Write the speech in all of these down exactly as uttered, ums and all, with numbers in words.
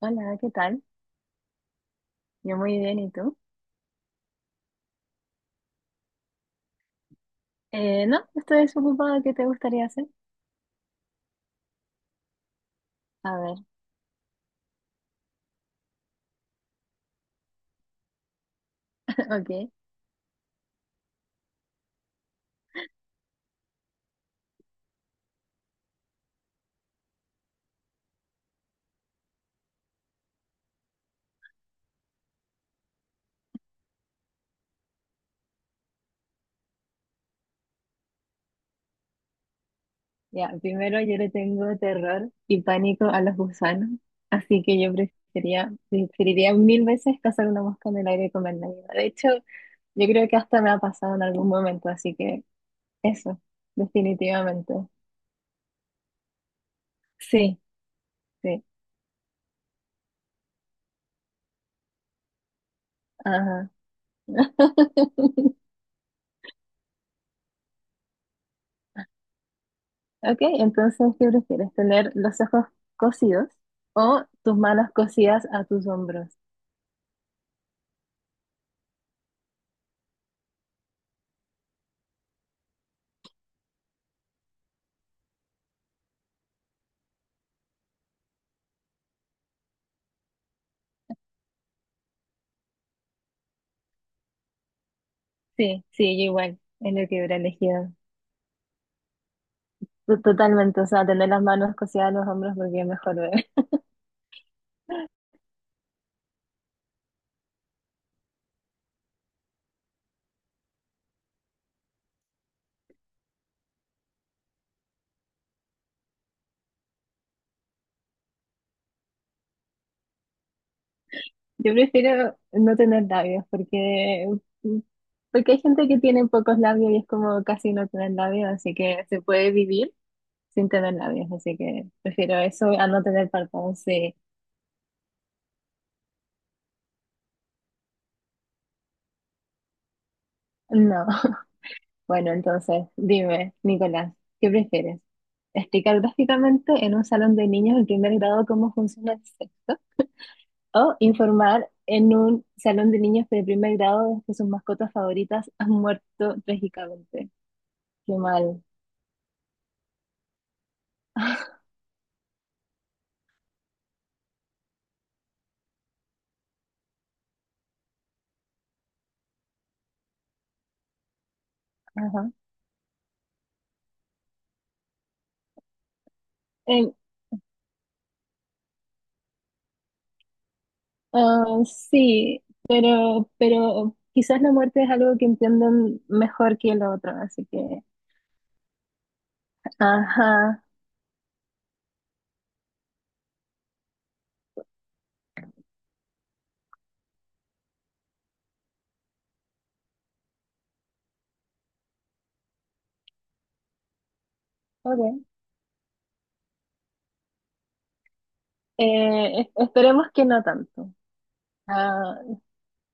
Hola, ¿qué tal? Yo muy bien, ¿y tú? Eh, no, estoy desocupada. ¿Qué te gustaría hacer? A ver, ok. Ya, primero yo le tengo terror y pánico a los gusanos, así que yo preferiría, preferiría mil veces cazar una mosca en el aire y comerla viva. De hecho, yo creo que hasta me ha pasado en algún momento, así que eso, definitivamente. Sí, sí, ajá. Ok, entonces, ¿qué prefieres? ¿Tener los ojos cosidos o tus manos cosidas a tus hombros? Sí, sí, yo igual, es lo que hubiera elegido. To- Totalmente, o sea, tener las manos cosidas en los hombros porque es mejor ver. Yo prefiero no tener labios porque, porque hay gente que tiene pocos labios y es como casi no tener labios, así que se puede vivir sin tener labios, así que prefiero eso a no tener párpados, sí. No. Bueno, entonces, dime, Nicolás, ¿qué prefieres? ¿Explicar gráficamente en un salón de niños del primer grado cómo funciona el sexo? ¿O informar en un salón de niños de primer grado de que sus mascotas favoritas han muerto trágicamente? Qué mal. Ajá. Em, ah, sí, pero, pero quizás la muerte es algo que entienden mejor que lo otro, así que... Ajá, ok. Eh, es- esperemos que no tanto. Ah,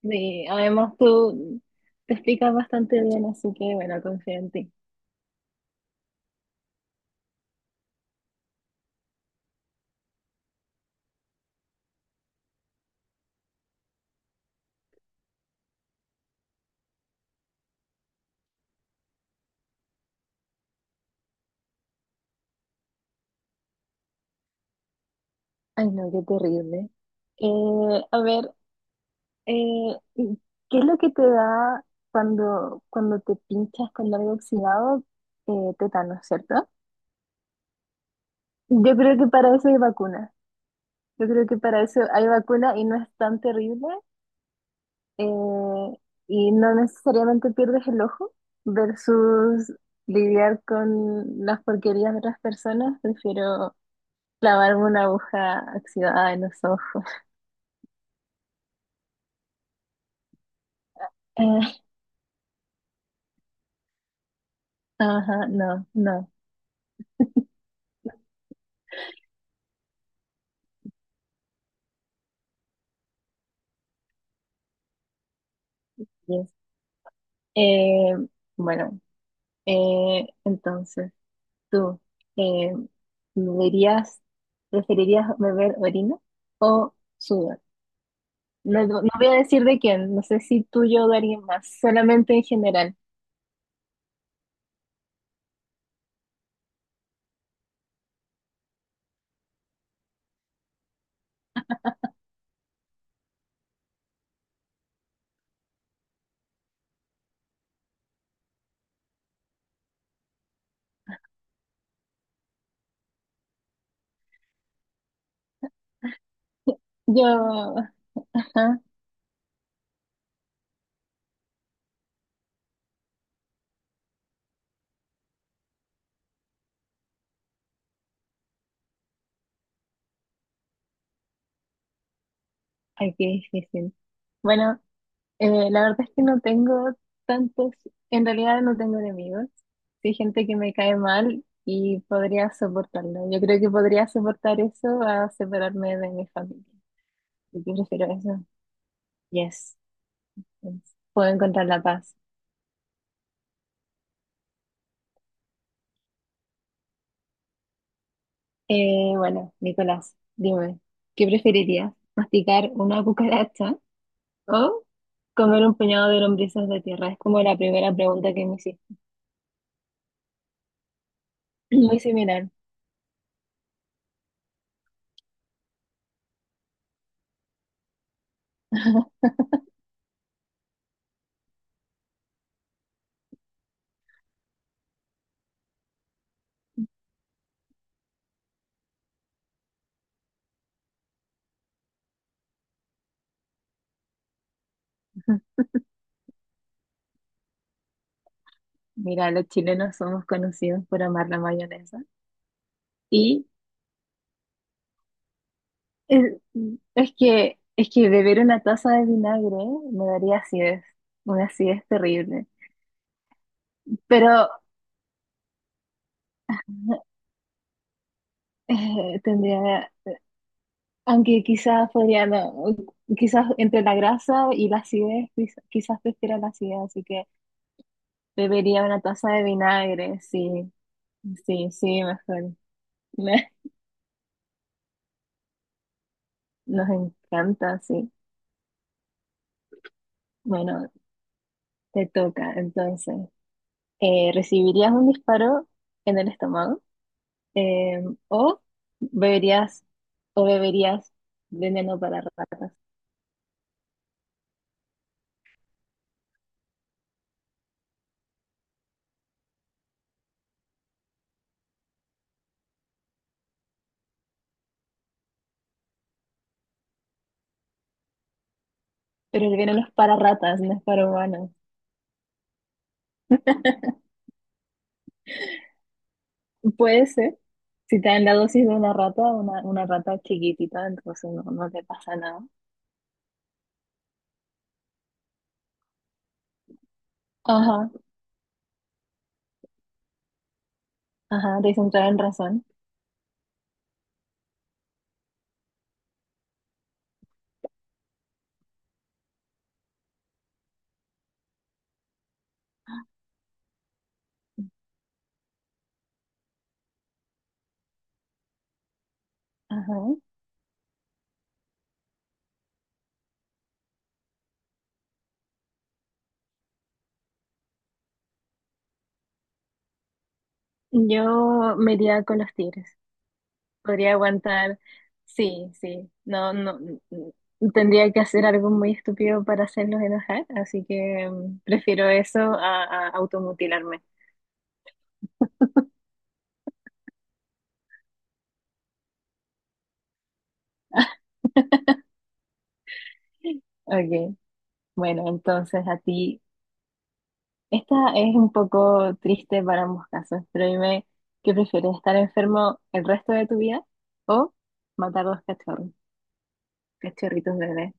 sí, además tú te explicas bastante bien, así que bueno, confío en ti. Ay, no, qué terrible. Eh, a ver, Eh, ¿y ¿qué es lo que te da cuando, cuando te pinchas con algo oxidado? Eh, ¿tétanos, cierto? Yo creo que para eso hay vacuna. Yo creo que para eso hay vacuna y no es tan terrible. eh, y no necesariamente pierdes el ojo versus lidiar con las porquerías de otras personas. Prefiero clavarme una aguja oxidada en los ojos. Eh, ajá, no, no, yes. Eh, bueno, eh, entonces, tú, eh, ¿me ¿verías, preferirías beber orina o sudor? No, no- no voy a decir de quién, no sé si tuyo o de alguien más, solamente en general. Yo, ajá, ay, qué difícil. Bueno, eh, la verdad es que no tengo tantos, en realidad no tengo enemigos. Sí, hay gente que me cae mal y podría soportarlo. Yo creo que podría soportar eso a separarme de mi familia. Yo prefiero eso. Yes. Yes. Puedo encontrar la paz. Eh, bueno, Nicolás, dime, ¿qué preferirías? ¿Masticar una cucaracha o comer un puñado de lombrices de tierra? Es como la primera pregunta que me hiciste. Muy similar. Mira, los chilenos somos conocidos por amar la mayonesa. Y es, es, que, es que beber una taza de vinagre me daría acidez, una acidez terrible. Pero eh, tendría aunque quizás podría, no, quizás entre la grasa y la acidez, quiz- quizás prefiera la acidez, así que bebería una taza de vinagre, sí, sí, sí, mejor. Me- Nos encanta, sí. Bueno, te toca, entonces. Eh, ¿recibirías un disparo en el estómago? Eh, ¿O beberías, o beberías veneno para ratas? Pero el veneno es para ratas, no es para humanos. Puede ser. Si te dan la dosis de una rata, una, una rata chiquitita, entonces no, no te pasa nada. Ajá, ajá, te hice entrar en razón. Ajá. Yo me iría con los tigres. Podría aguantar. Sí, sí. No, no. mm, Tendría que hacer algo muy estúpido para hacerlos enojar, así que mm, prefiero eso a, a, automutilarme. Ok, bueno, entonces a ti. Esta es un poco triste para ambos casos, pero dime, ¿qué prefieres, estar enfermo el resto de tu vida o matar dos cachorros, cachorritos bebés?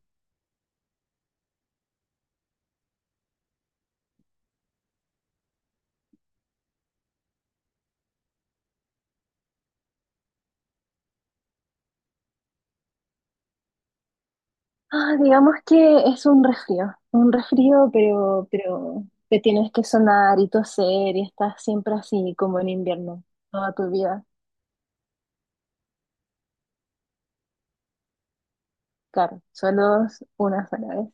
Ah, digamos que es un resfrío, un resfrío, pero, pero te tienes que sonar y toser y estás siempre así como en invierno, toda tu vida. Claro, solo es una sola vez.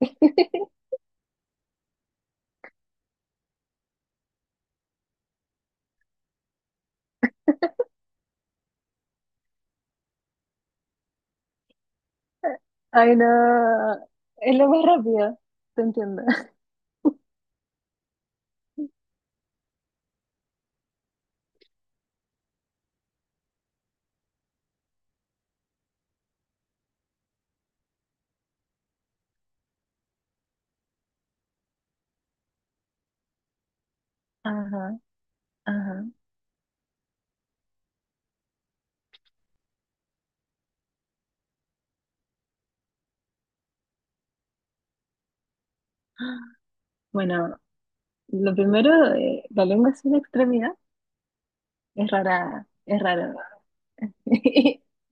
Ay, no, es lo más rápido, te entiendo. Ajá, ajá. Bueno, lo primero, eh, la lengua es una extremidad. Es rara, es raro.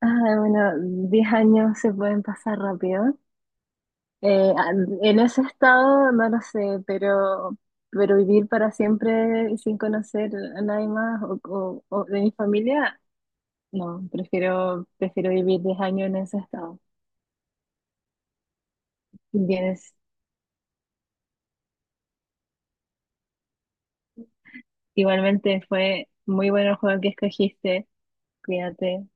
Ah, bueno, diez años se pueden pasar rápido. Eh, en ese estado no lo sé, pero, pero, vivir para siempre sin conocer a nadie más o, o- o de mi familia, no, prefiero, prefiero vivir diez años en ese estado. Tienes, igualmente fue muy bueno el juego que escogiste, cuídate.